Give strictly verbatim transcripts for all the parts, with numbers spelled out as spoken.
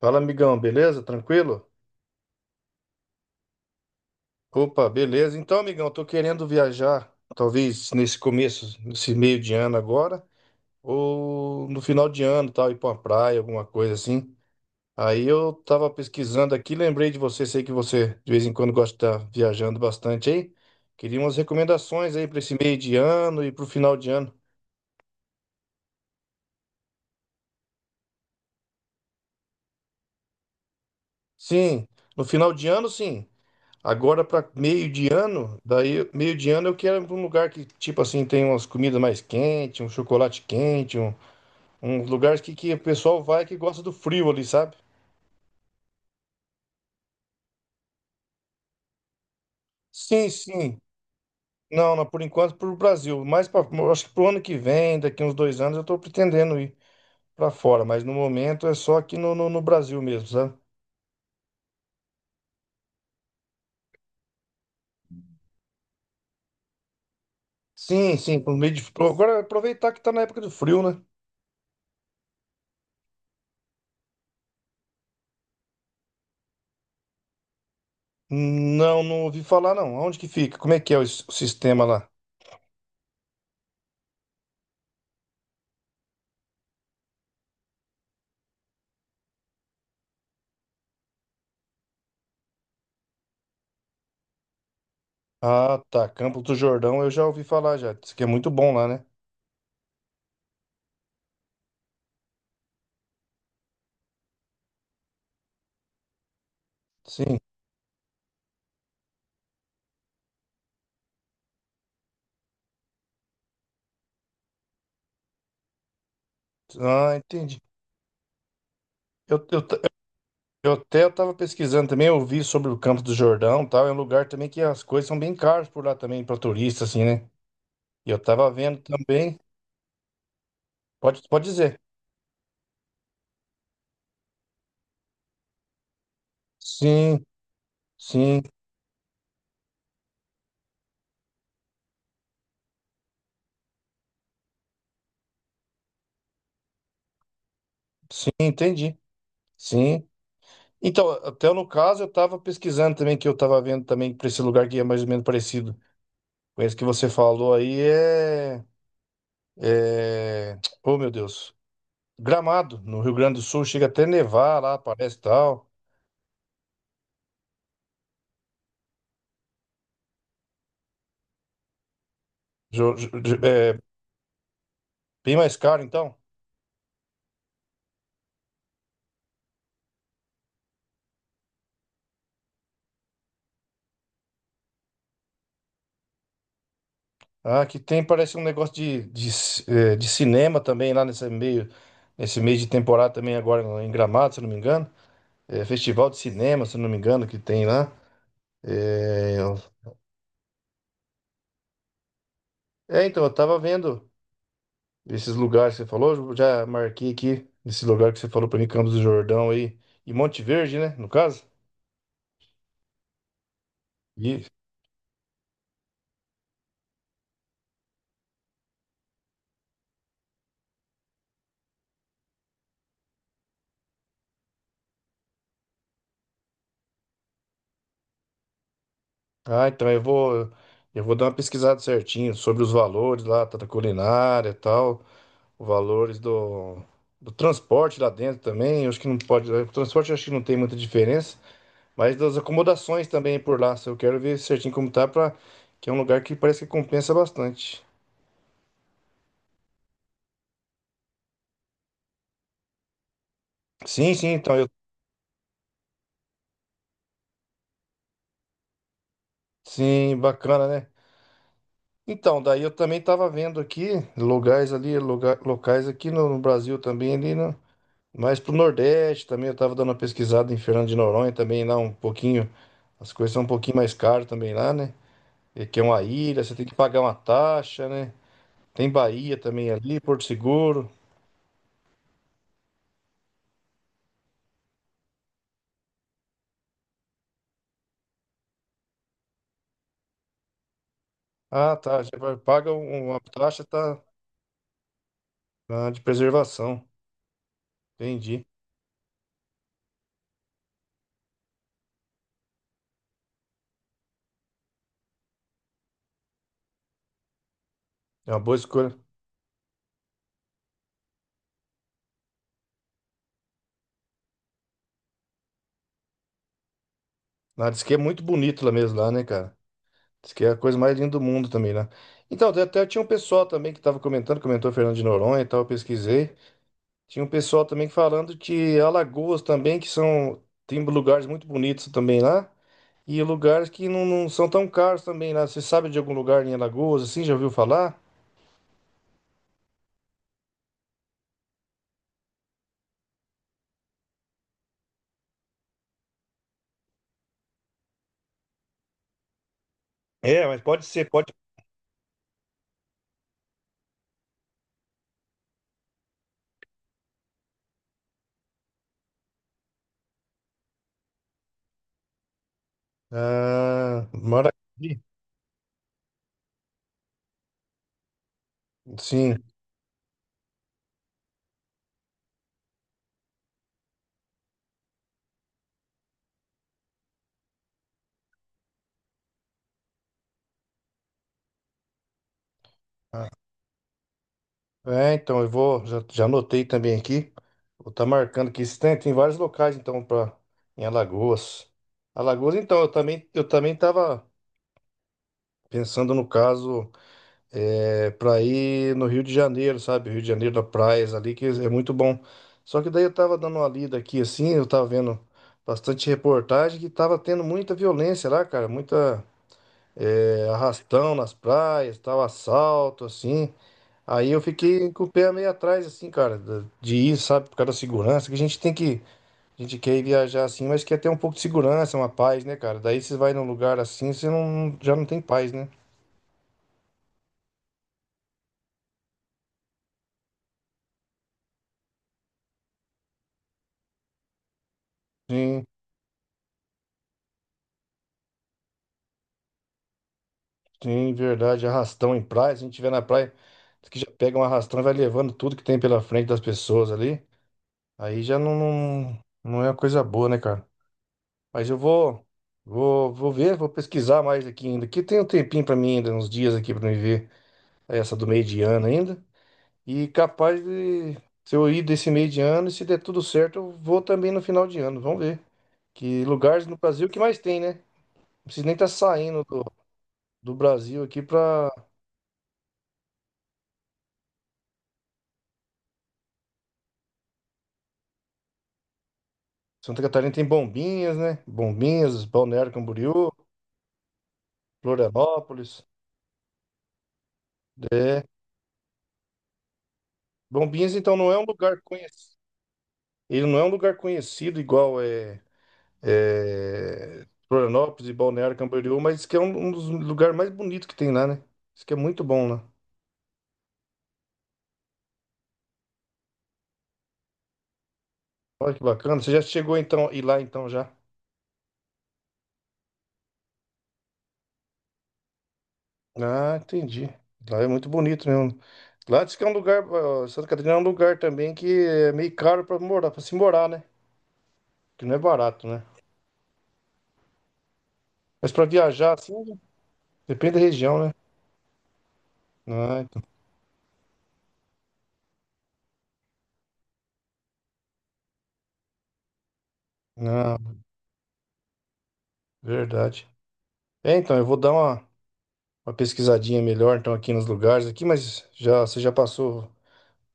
Fala, amigão, beleza? Tranquilo? Opa, beleza. Então, amigão, eu tô querendo viajar, talvez nesse começo, nesse meio de ano agora, ou no final de ano, tal, ir pra uma praia, alguma coisa assim. Aí eu tava pesquisando aqui, lembrei de você, sei que você de vez em quando gosta de estar viajando bastante aí. Queria umas recomendações aí pra esse meio de ano e pro final de ano. Sim, no final de ano, sim. Agora para meio de ano, daí eu- meio de ano eu quero ir pra um lugar que, tipo assim, tem umas comidas mais quentes, um chocolate quente, um, um lugar que, que o pessoal vai que gosta do frio ali, sabe? Sim, sim. Não, não, por enquanto pro Brasil. Mas pra, eu acho que pro ano que vem, daqui uns dois anos, eu tô pretendendo ir pra fora, mas no momento é só aqui no, no, no Brasil mesmo, sabe? Sim, sim, por meio de. Agora aproveitar que tá na época do frio, né? Não, não ouvi falar não. Onde que fica? Como é que é o, s- o sistema lá? Ah, tá. Campo do Jordão eu já ouvi falar já. Diz que é muito bom lá, né? Sim. Ah, entendi. Eu, eu, ta- eu até estava pesquisando também, eu vi sobre o Campo do Jordão, e tal. É um lugar também que as coisas são bem caras por lá também para turista, assim, né? E eu tava vendo também. Pode, pode dizer. Sim, sim, sim, entendi. Sim. Então, até no caso eu estava pesquisando também que eu estava vendo também para esse lugar que é mais ou menos parecido com esse que você falou aí é, é... Oh, meu Deus. Gramado, no Rio Grande do Sul, chega até nevar lá, parece tal. Jo- jo- jo- é, bem mais caro, então. Ah, aqui tem, parece um negócio de, de, ci- é, de cinema também lá nesse meio, nesse mês de temporada também agora em Gramado, se eu não me engano. É, festival de cinema, se eu não me engano, que tem lá. É, é, então, eu tava vendo esses lugares que você falou, eu já marquei aqui esse lugar que você falou pra mim, Campos do Jordão aí, e Monte Verde, né, no caso. Ah, então eu vou, eu vou dar uma pesquisada certinho sobre os valores lá, tá, da culinária e tal, os valores do, do transporte lá dentro também. Eu acho que não pode, o transporte eu acho que não tem muita diferença, mas das acomodações também por lá. Se eu quero ver certinho como tá, pra, que é um lugar que parece que compensa bastante. Sim, sim, então eu, sim, bacana, né? Então, daí eu também tava vendo aqui lugares ali, lugar, locais aqui no, no Brasil também ali, né? Mas pro Nordeste também, eu tava dando uma pesquisada em Fernando de Noronha também, lá um pouquinho, as coisas são um pouquinho mais caras também lá, né? E que é uma ilha, você tem que pagar uma taxa, né? Tem Bahia também ali, Porto Seguro. Ah, tá, já vai- paga um- um, uma taxa tá, ah, de preservação, entendi. É uma boa escolha. Ah, diz que é muito bonito lá mesmo, lá, né, cara? Diz que é a coisa mais linda do mundo também lá. Então, até até tinha um pessoal também que tava comentando, comentou Fernando de Noronha e tal, eu pesquisei. Tinha um pessoal também falando que Alagoas também, que são, tem lugares muito bonitos também lá, e lugares que não, não são tão caros também lá. Você sabe de algum lugar em Alagoas, assim, já ouviu falar? É, mas pode ser, pode. Ah, mora aqui. Sim. É, então eu vou, já, já anotei também aqui. Vou tá marcando aqui. Isso. Tem, tem vários locais então para em Alagoas. Alagoas, então eu também eu também tava pensando no caso é, para ir no Rio de Janeiro, sabe? Rio de Janeiro da praias ali, que é muito bom. Só que daí eu tava dando uma lida aqui, assim, eu tava vendo bastante reportagem que tava tendo muita violência lá, cara, muita é, arrastão nas praias, tal, assalto, assim. Aí eu fiquei com o pé meio atrás, assim, cara, da- de ir, sabe, por causa da segurança, que a gente tem que, a gente quer ir viajar assim, mas quer ter um pouco de segurança, uma paz, né, cara? Daí você vai num lugar assim, você não, já não tem paz, né? Sim. Sim, verdade. Arrastão em praia. Se a gente estiver na praia, diz que já pega um arrastão e vai levando tudo que tem pela frente das pessoas ali. Aí já não, não, não é uma coisa boa, né, cara? Mas eu vou, vou, vou ver, vou pesquisar mais aqui ainda. Que tem um tempinho pra mim ainda, uns dias aqui pra me ver essa do meio de ano ainda. E capaz de, se eu ir desse meio de ano, e se der tudo certo, eu vou também no final de ano. Vamos ver. Que lugares no Brasil que mais tem, né? Não precisa nem estar saindo do, do Brasil aqui pra. Santa Catarina tem Bombinhas, né? Bombinhas, Balneário Camboriú, Florianópolis. É. Bombinhas, então, não é um lugar conhecido. Ele não é um lugar conhecido igual é, é, Florianópolis e Balneário Camboriú, mas diz que é um, um dos lugares mais bonitos que tem lá, né? Diz que é muito bom lá. Olha que bacana. Você já chegou então e lá então já? Ah, entendi. Lá é muito bonito mesmo. Lá diz que é um lugar, ó, Santa Catarina é um lugar também que é meio caro para morar, para se morar, né? Que não é barato, né? Mas para viajar, assim, depende da região, né? Não, então, não, verdade. É, então, eu vou dar uma, uma pesquisadinha melhor, então, aqui nos lugares aqui, mas já, você já passou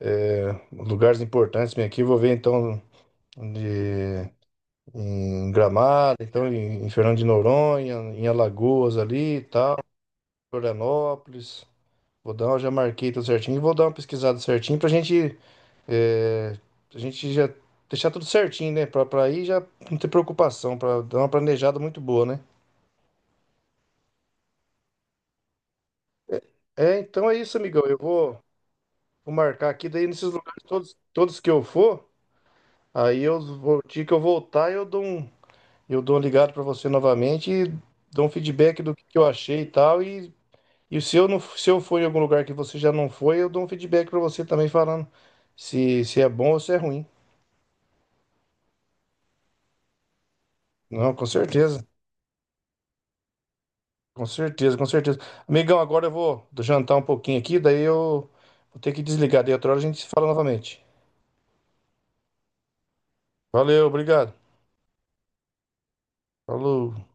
é, lugares importantes bem aqui, vou ver, então, de- em Gramado, então, em, em Fernando de Noronha, em Alagoas ali e tal, Florianópolis. Vou dar, já marquei tudo certinho e vou dar uma pesquisada certinho pra gente, é, a gente já deixar tudo certinho, né? Pra, pra aí já não ter preocupação, pra dar uma planejada muito boa, né? É, então é isso, amigão. Eu vou, vou marcar aqui, daí nesses lugares todos, todos que eu for, aí eu vou, o dia que eu voltar, eu dou um, eu dou um ligado pra você novamente e dou um feedback do que, que eu achei e tal. E, e se eu não, se eu for em algum lugar que você já não foi, eu dou um feedback pra você também falando se, se é bom ou se é ruim. Não, com certeza. Com certeza, com certeza. Amigão, agora eu vou jantar um pouquinho aqui, daí eu vou ter que desligar. Daí outra hora a gente se fala novamente. Valeu, obrigado. Falou.